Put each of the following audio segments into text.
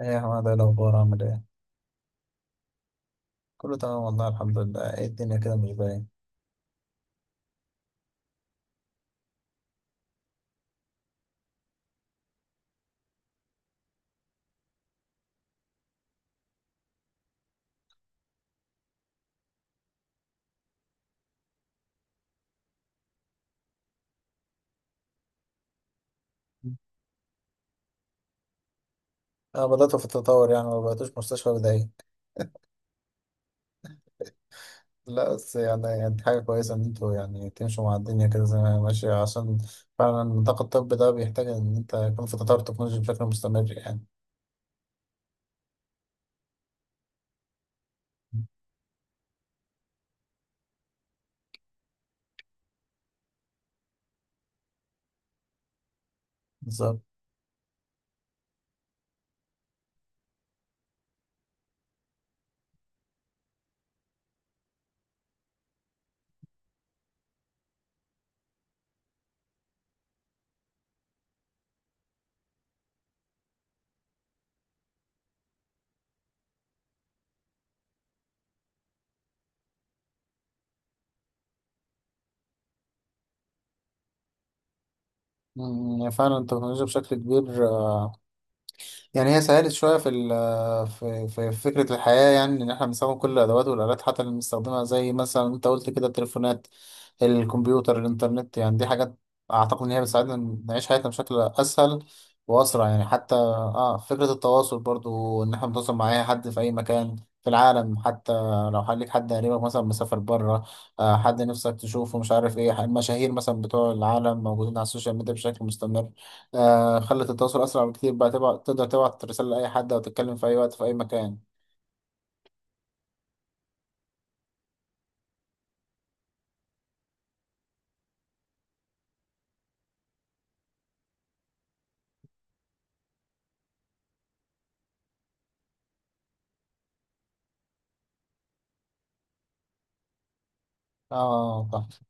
ايه يا حماد، ايه الاخبار؟ عامل ايه؟ كله تمام والله، الحمد لله. ايه الدنيا كده مش باين. انا بدأت في التطور، يعني ما بقيتوش مستشفى بدائي. لا بس يعني، دي حاجة كويسة ان انتوا يعني تمشوا مع الدنيا كده زي ما هي ماشية، عشان فعلا النطاق الطبي ده بيحتاج ان انت يكون في تطور تكنولوجي بشكل مستمر يعني. بالظبط. فعلا التكنولوجيا بشكل كبير يعني هي سهلت شوية في ال في في في فكرة الحياة، يعني إن إحنا بنستخدم كل الأدوات والآلات، حتى اللي بنستخدمها زي مثلا أنت قلت كده: التليفونات، الكمبيوتر، الإنترنت. يعني دي حاجات أعتقد إن هي بتساعدنا نعيش حياتنا بشكل أسهل وأسرع، يعني حتى آه فكرة التواصل برضو إن إحنا نتواصل مع أي حد في أي مكان في العالم. حتى لو ليك حد قريبك مثلا مسافر بره، آه حد نفسك تشوفه، مش عارف إيه، المشاهير مثلا بتوع العالم موجودين على السوشيال ميديا بشكل مستمر. آه، خلت التواصل أسرع بكتير، بقى تبعت، تقدر تبعت رسالة لأي حد أو تتكلم في أي وقت في أي مكان. آه صح.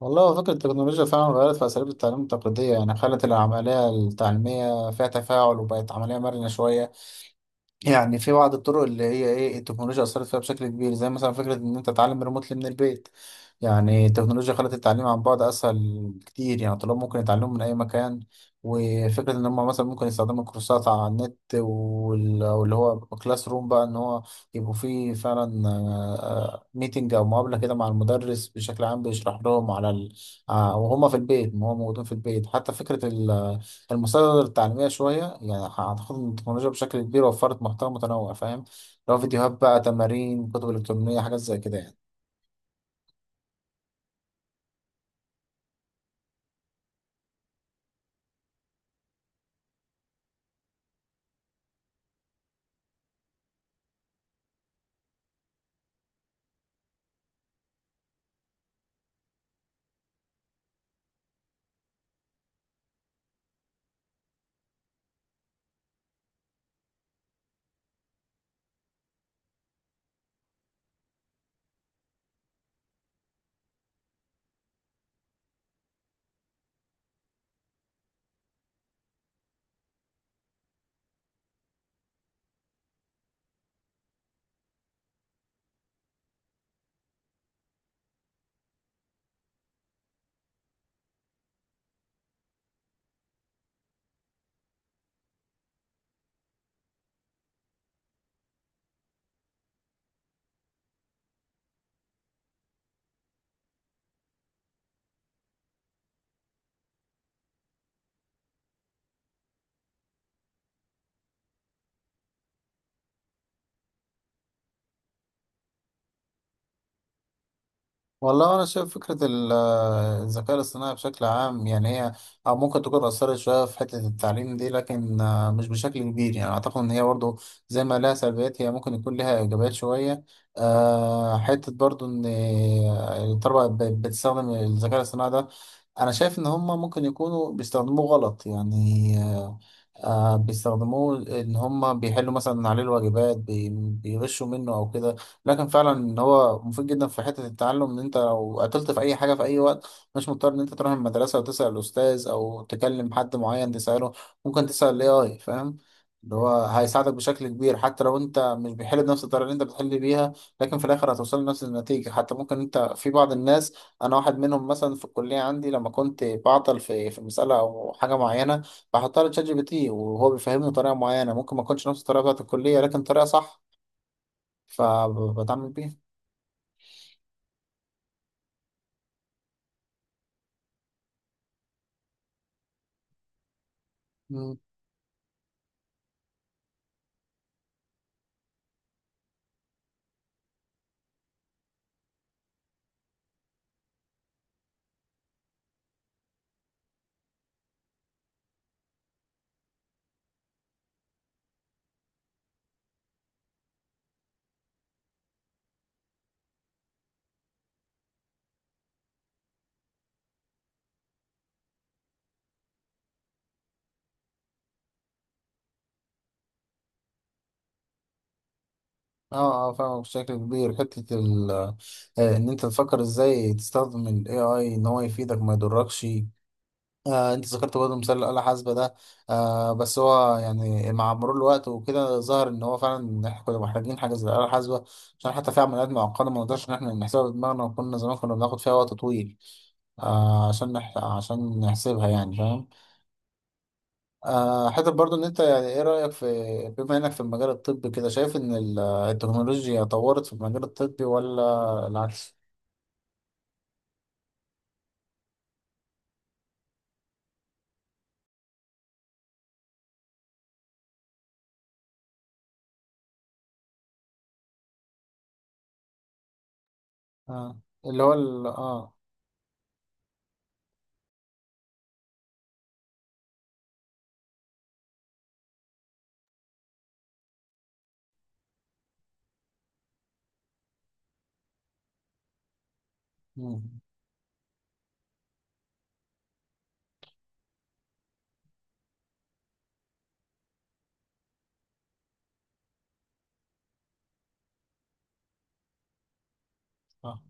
والله هو فكرة التكنولوجيا فعلا غيرت في أساليب التعليم التقليدية، يعني خلت العملية التعليمية فيها تفاعل وبقت عملية مرنة شوية. يعني في بعض الطرق اللي هي ايه التكنولوجيا اثرت فيها بشكل كبير، زي مثلا فكره ان انت تتعلم ريموتلي من البيت. يعني التكنولوجيا خلت التعليم عن بعد اسهل كتير، يعني الطلاب ممكن يتعلموا من اي مكان. وفكره ان هم مثلا ممكن يستخدموا الكورسات على النت واللي هو كلاس روم، بقى ان هو يبقوا فيه فعلا ميتنج او مقابله كده مع المدرس بشكل عام بيشرح لهم على آه، وهم في البيت، ما هم موجودين في البيت. حتى فكره المصادر التعليمية شوية، يعني أعتقد إن التكنولوجيا بشكل كبير وفرت محتوى متنوع، فاهم؟ لو فيديوهات بقى، تمارين، كتب إلكترونية، حاجات زي كده يعني. والله أنا شايف فكرة الذكاء الاصطناعي بشكل عام يعني هي أو ممكن تكون أثرت شوية في حتة التعليم دي، لكن آه، مش بشكل كبير. يعني أعتقد إن هي برضو زي ما لها سلبيات هي ممكن يكون لها إيجابيات شوية. آه، حتة برضو إن الطلبة بقت بتستخدم الذكاء الاصطناعي ده، انا شايف ان هم ممكن يكونوا بيستخدموه غلط. بيستخدموه ان هم بيحلوا مثلا عليه الواجبات، بيغشوا منه او كده. لكن فعلا ان هو مفيد جدا في حتة التعلم، ان انت لو قتلت في اي حاجة في اي وقت مش مضطر ان انت تروح المدرسة وتسأل الاستاذ او تكلم حد معين تسأله، ممكن تسأل الاي اي، فاهم؟ اللي هو هيساعدك بشكل كبير، حتى لو انت مش بيحل بنفس الطريقه اللي انت بتحل بيها، لكن في الاخر هتوصل لنفس النتيجه. حتى ممكن انت، في بعض الناس انا واحد منهم مثلا، في الكليه عندي لما كنت بعطل في مساله او حاجه معينه بحطها لتشات جي بي تي وهو بيفهمني بطريقه معينه ممكن ما تكونش نفس الطريقه بتاعت الكليه، لكن طريقه صح فبتعامل بيها. مم. اه اه، فاهم بشكل كبير حته ان انت تفكر ازاي تستخدم الاي اي ان هو يفيدك ما يضركش. آه انت ذكرت برضه مثال الآلة الحاسبة ده، آه بس هو يعني مع مرور الوقت وكده ظهر ان هو فعلا إن احنا كنا محتاجين حاجة زي الآلة الحاسبة، عشان حتى في عمليات معقدة ما نقدرش ان احنا نحسبها بدماغنا، وكنا زمان كنا بناخد فيها وقت طويل، آه عشان نحسبها يعني، فاهم؟ آه حتى برضه ان انت، يعني ايه رأيك في، بما انك في المجال الطبي كده، شايف ان التكنولوجيا طورت في المجال الطبي ولا العكس؟ آه. اللي هو ال اه. مم. اه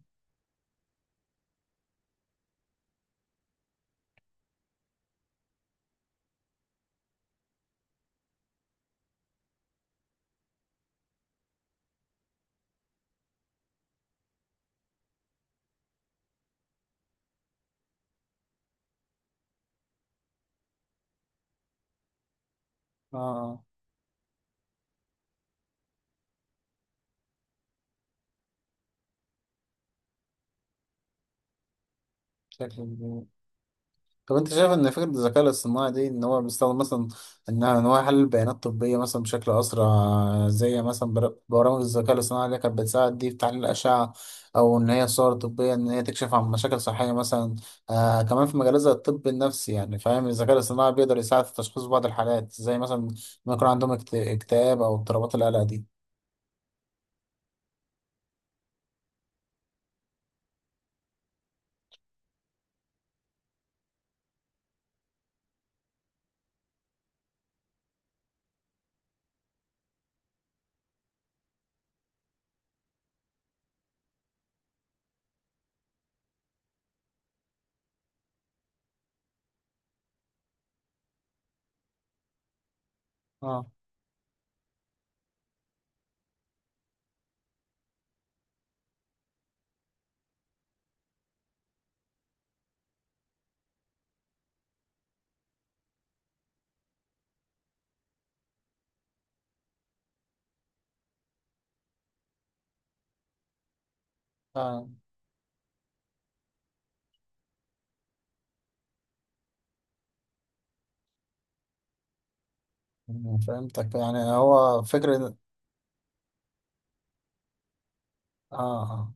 اه. آه. شكل، طب انت شايف ان فكرة الذكاء الاصطناعي دي ان هو بيستخدم مثلا، انها ان هو يحلل بيانات طبية مثلا بشكل اسرع، زي مثلا برامج الذكاء الاصطناعي اللي كانت بتساعد دي في تحليل الاشعة، او ان هي صور طبية ان هي تكشف عن مشاكل صحية مثلا. آه كمان في مجال زي الطب النفسي، يعني فاهم الذكاء الاصطناعي بيقدر يساعد في تشخيص بعض الحالات، زي مثلا ما يكون عندهم اكتئاب او اضطرابات القلق دي. اه اه، فهمتك. يعني هو فكرة، اه. آه.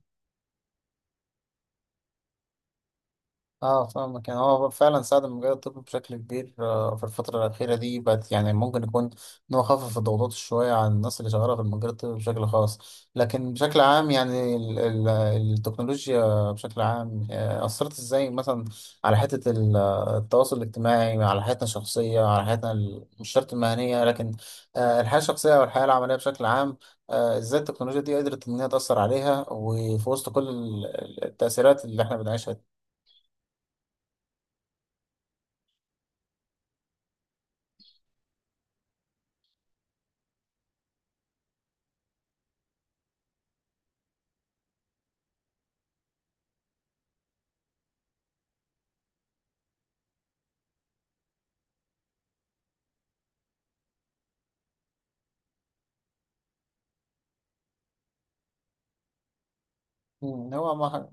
اه فاهمك، يعني هو فعلا ساعد المجال الطبي بشكل كبير، آه، في الفترة الأخيرة دي بقت يعني ممكن يكون إن هو خفف الضغوطات شوية عن الناس اللي شغالة في المجال الطبي بشكل خاص. لكن بشكل عام يعني التكنولوجيا بشكل عام آه، أثرت إزاي مثلا على حتة التواصل الاجتماعي، على حياتنا الشخصية، على حياتنا مش شرط المهنية، لكن آه، الحياة الشخصية والحياة العملية بشكل عام، آه، إزاي التكنولوجيا دي قدرت إن هي تأثر عليها، وفي وسط كل التأثيرات اللي إحنا بنعيشها. مم، هو أهم حاجة.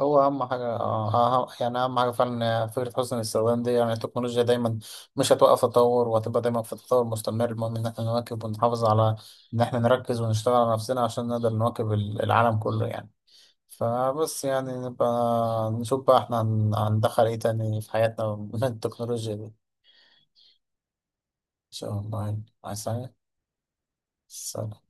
هو أهم حاجة آه، يعني أهم حاجة فعلا فكرة حسن الاستخدام دي، يعني التكنولوجيا دايما مش هتوقف تطور، وهتبقى دايما في تطور مستمر، المهم إن احنا نواكب ونحافظ على إن احنا نركز ونشتغل على نفسنا عشان نقدر نواكب العالم كله يعني. فبس يعني نبقى نشوف بقى احنا هندخل ايه تاني في حياتنا من التكنولوجيا دي. إن شاء الله يعني. عايز حاجة؟ سلام.